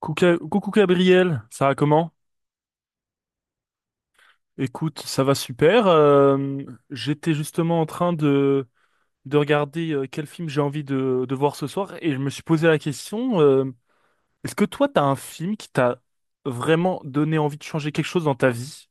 Coucou, coucou Gabriel, ça va comment? Écoute, ça va super. J'étais justement en train de regarder quel film j'ai envie de voir ce soir et je me suis posé la question. Est-ce que toi, t'as un film qui t'a vraiment donné envie de changer quelque chose dans ta vie?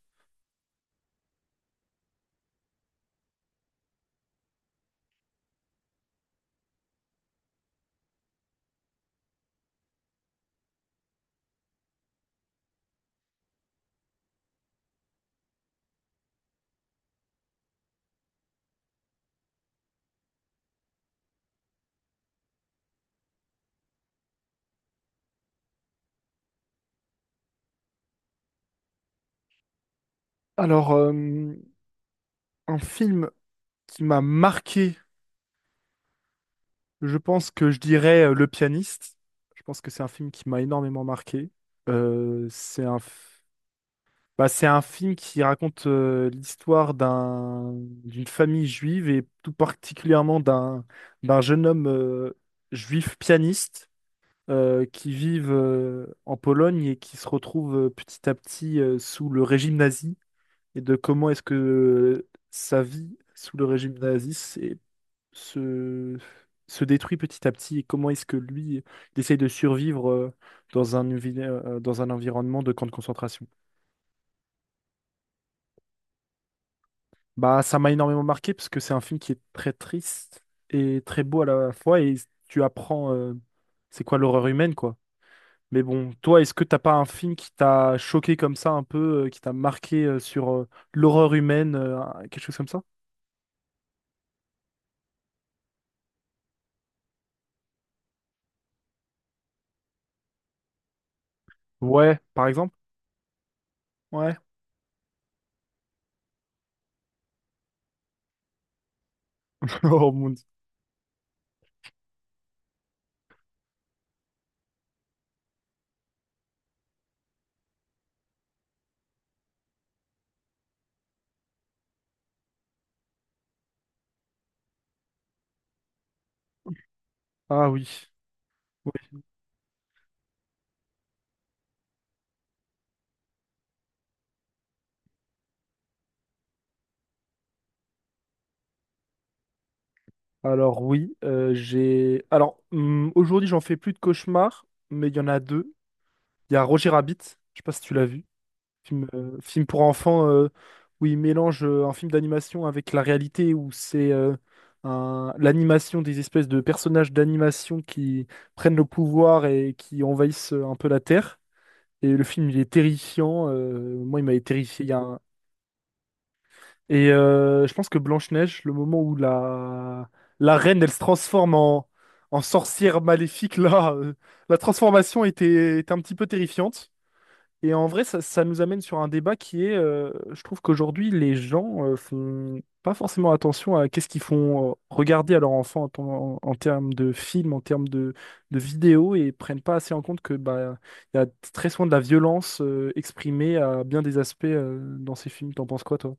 Alors, un film qui m'a marqué, je pense que je dirais Le Pianiste. Je pense que c'est un film qui m'a énormément marqué. C'est un... Bah, c'est un film qui raconte l'histoire d'une famille juive et tout particulièrement d'un jeune homme juif pianiste qui vit en Pologne et qui se retrouve petit à petit sous le régime nazi, et de comment est-ce que sa vie sous le régime nazi se se détruit petit à petit, et comment est-ce que lui il essaye de survivre dans dans un environnement de camp de concentration. Bah, ça m'a énormément marqué parce que c'est un film qui est très triste et très beau à la fois, et tu apprends c'est quoi l'horreur humaine quoi. Mais bon, toi, est-ce que t'as pas un film qui t'a choqué comme ça un peu, qui t'a marqué sur l'horreur humaine, quelque chose comme ça? Ouais, par exemple? Ouais. Oh mon Dieu. Ah oui. Alors oui, j'ai. Alors aujourd'hui, j'en fais plus de cauchemars, mais il y en a deux. Il y a Roger Rabbit, je sais pas si tu l'as vu. Film, film pour enfants où il mélange un film d'animation avec la réalité, où c'est l'animation, des espèces de personnages d'animation qui prennent le pouvoir et qui envahissent un peu la Terre. Et le film, il est terrifiant. Moi, il m'avait terrifié. Il y a un... Et je pense que Blanche-Neige, le moment où la... la reine, elle se transforme en, en sorcière maléfique, là, la transformation était... était un petit peu terrifiante. Et en vrai, ça nous amène sur un débat qui est, je trouve qu'aujourd'hui, les gens font pas forcément attention à qu'est-ce qu'ils font regarder à leurs enfants en, en termes de films, en termes de vidéos, et prennent pas assez en compte que bah, il y a très souvent de la violence exprimée à bien des aspects dans ces films. T'en penses quoi, toi?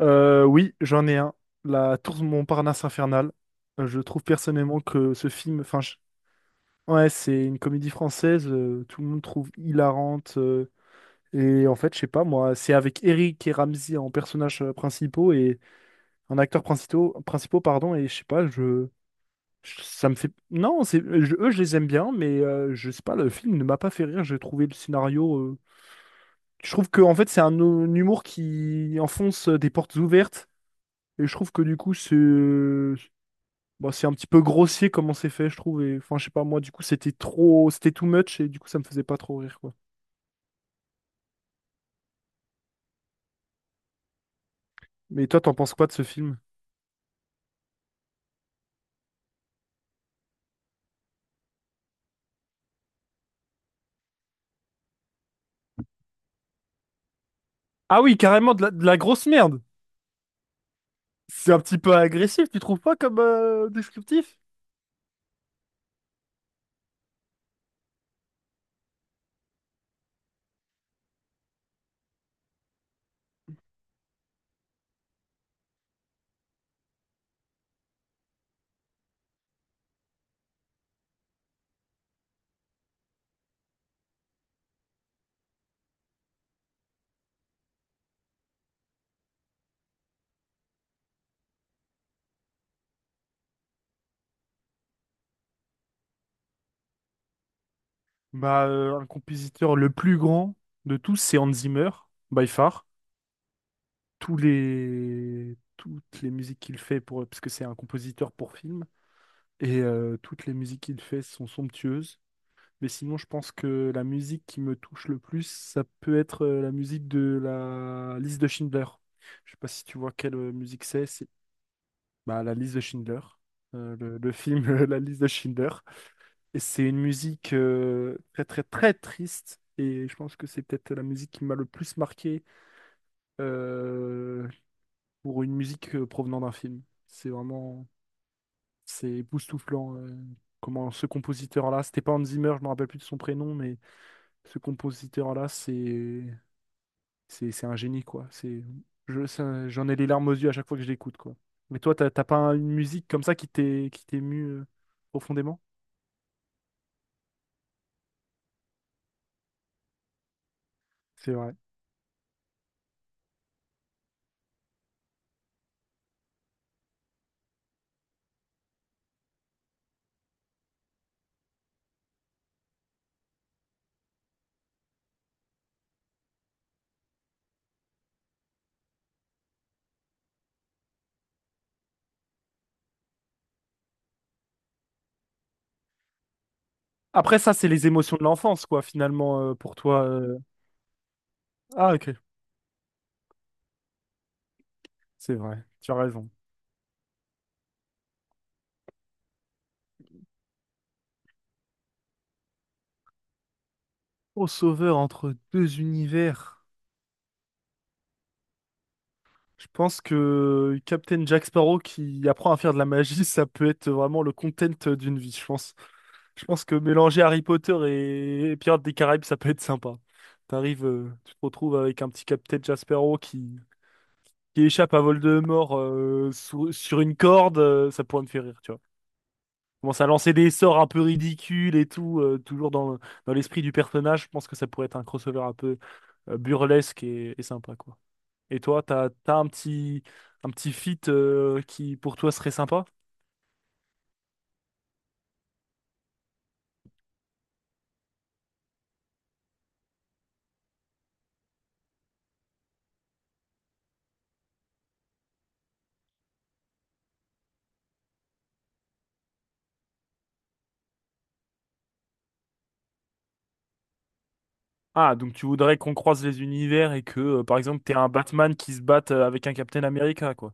Oui, j'en ai un. La Tour de Montparnasse infernale. Je trouve personnellement que ce film, enfin, je... Ouais, c'est une comédie française. Tout le monde trouve hilarante. Et en fait, je sais pas, moi, c'est avec Eric et Ramzy en personnages principaux et en acteurs principaux, pardon, et je sais pas, ça me fait... Non, c'est, je... eux, je les aime bien, mais je sais pas, le film ne m'a pas fait rire, j'ai trouvé le scénario... Je trouve que, en fait, c'est un humour qui enfonce des portes ouvertes, et je trouve que, du coup, c'est... bon, c'est un petit peu grossier comment c'est fait, je trouve, et enfin, je sais pas, moi, du coup, c'était trop... C'était too much, et du coup, ça me faisait pas trop rire, quoi. Mais toi, t'en penses quoi de ce film? Ah oui, carrément, de la grosse merde! C'est un petit peu agressif, tu trouves pas comme descriptif? Bah, un compositeur le plus grand de tous, c'est Hans Zimmer, by far. Tous les... Toutes les musiques qu'il fait, pour... parce que c'est un compositeur pour film, et toutes les musiques qu'il fait sont somptueuses. Mais sinon, je pense que la musique qui me touche le plus, ça peut être la musique de la liste de Schindler. Je sais pas si tu vois quelle musique c'est, bah, la liste de Schindler. Le film La liste de Schindler. Et c'est une musique très très très triste. Et je pense que c'est peut-être la musique qui m'a le plus marqué euh, pour une musique provenant d'un film. C'est vraiment, c'est époustouflant. Comment ce compositeur-là, c'était pas Hans Zimmer, je me rappelle plus de son prénom, mais ce compositeur-là, c'est un génie quoi. C'est, j'en ai les larmes aux yeux à chaque fois que je l'écoute quoi. Mais toi, t'as pas une musique comme ça qui t'émue profondément? C'est vrai. Après, ça, c'est les émotions de l'enfance, quoi, finalement, pour toi. Ah, ok, c'est vrai, tu as raison. Au sauveur entre deux univers, je pense que Captain Jack Sparrow qui apprend à faire de la magie, ça peut être vraiment le content d'une vie, je pense. Je pense que mélanger Harry Potter et Pirates des Caraïbes, ça peut être sympa. T'arrives, tu te retrouves avec un petit Captain Jack Sparrow qui échappe à Voldemort sur une corde, ça pourrait me faire rire, tu vois. Commence à lancer des sorts un peu ridicules et tout, toujours dans l'esprit du personnage. Je pense que ça pourrait être un crossover un peu burlesque et sympa, quoi. Et toi, t'as un petit feat qui, pour toi, serait sympa? Ah, donc tu voudrais qu'on croise les univers et que, par exemple, t'aies un Batman qui se batte avec un Captain America, quoi.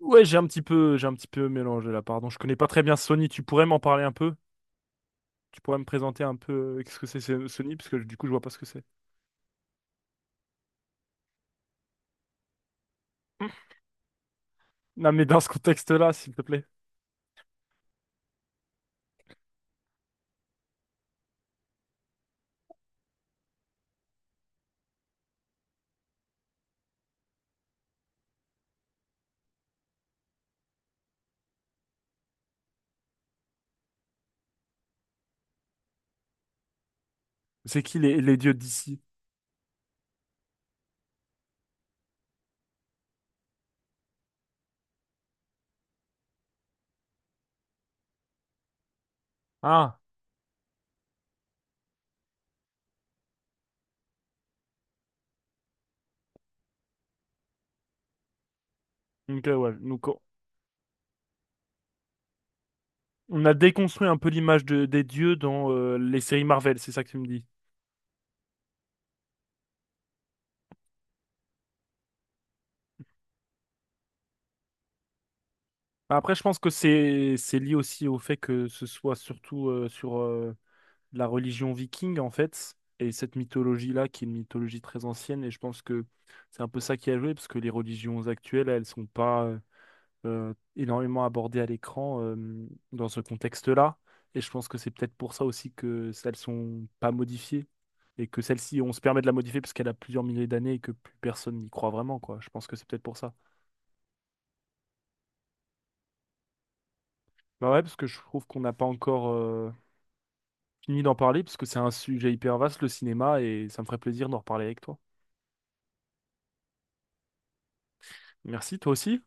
Ouais, j'ai un petit peu, j'ai un petit peu mélangé là, pardon. Je connais pas très bien Sony. Tu pourrais m'en parler un peu? Tu pourrais me présenter un peu qu'est-ce que Sony, parce que du coup, je vois pas ce que c'est. Non, mais dans ce contexte-là, s'il te plaît. C'est qui les dieux d'ici? Ah, ok, ouais. Donc, on a déconstruit un peu l'image des dieux dans les séries Marvel, c'est ça que tu me dis. Après, je pense que c'est lié aussi au fait que ce soit surtout sur la religion viking, en fait, et cette mythologie-là, qui est une mythologie très ancienne, et je pense que c'est un peu ça qui a joué, parce que les religions actuelles, elles sont pas énormément abordées à l'écran dans ce contexte-là, et je pense que c'est peut-être pour ça aussi que celles sont pas modifiées, et que celle-ci, on se permet de la modifier parce qu'elle a plusieurs milliers d'années et que plus personne n'y croit vraiment, quoi. Je pense que c'est peut-être pour ça. Bah ouais, parce que je trouve qu'on n'a pas encore fini d'en parler, parce que c'est un sujet hyper vaste, le cinéma, et ça me ferait plaisir d'en reparler avec toi. Merci, toi aussi.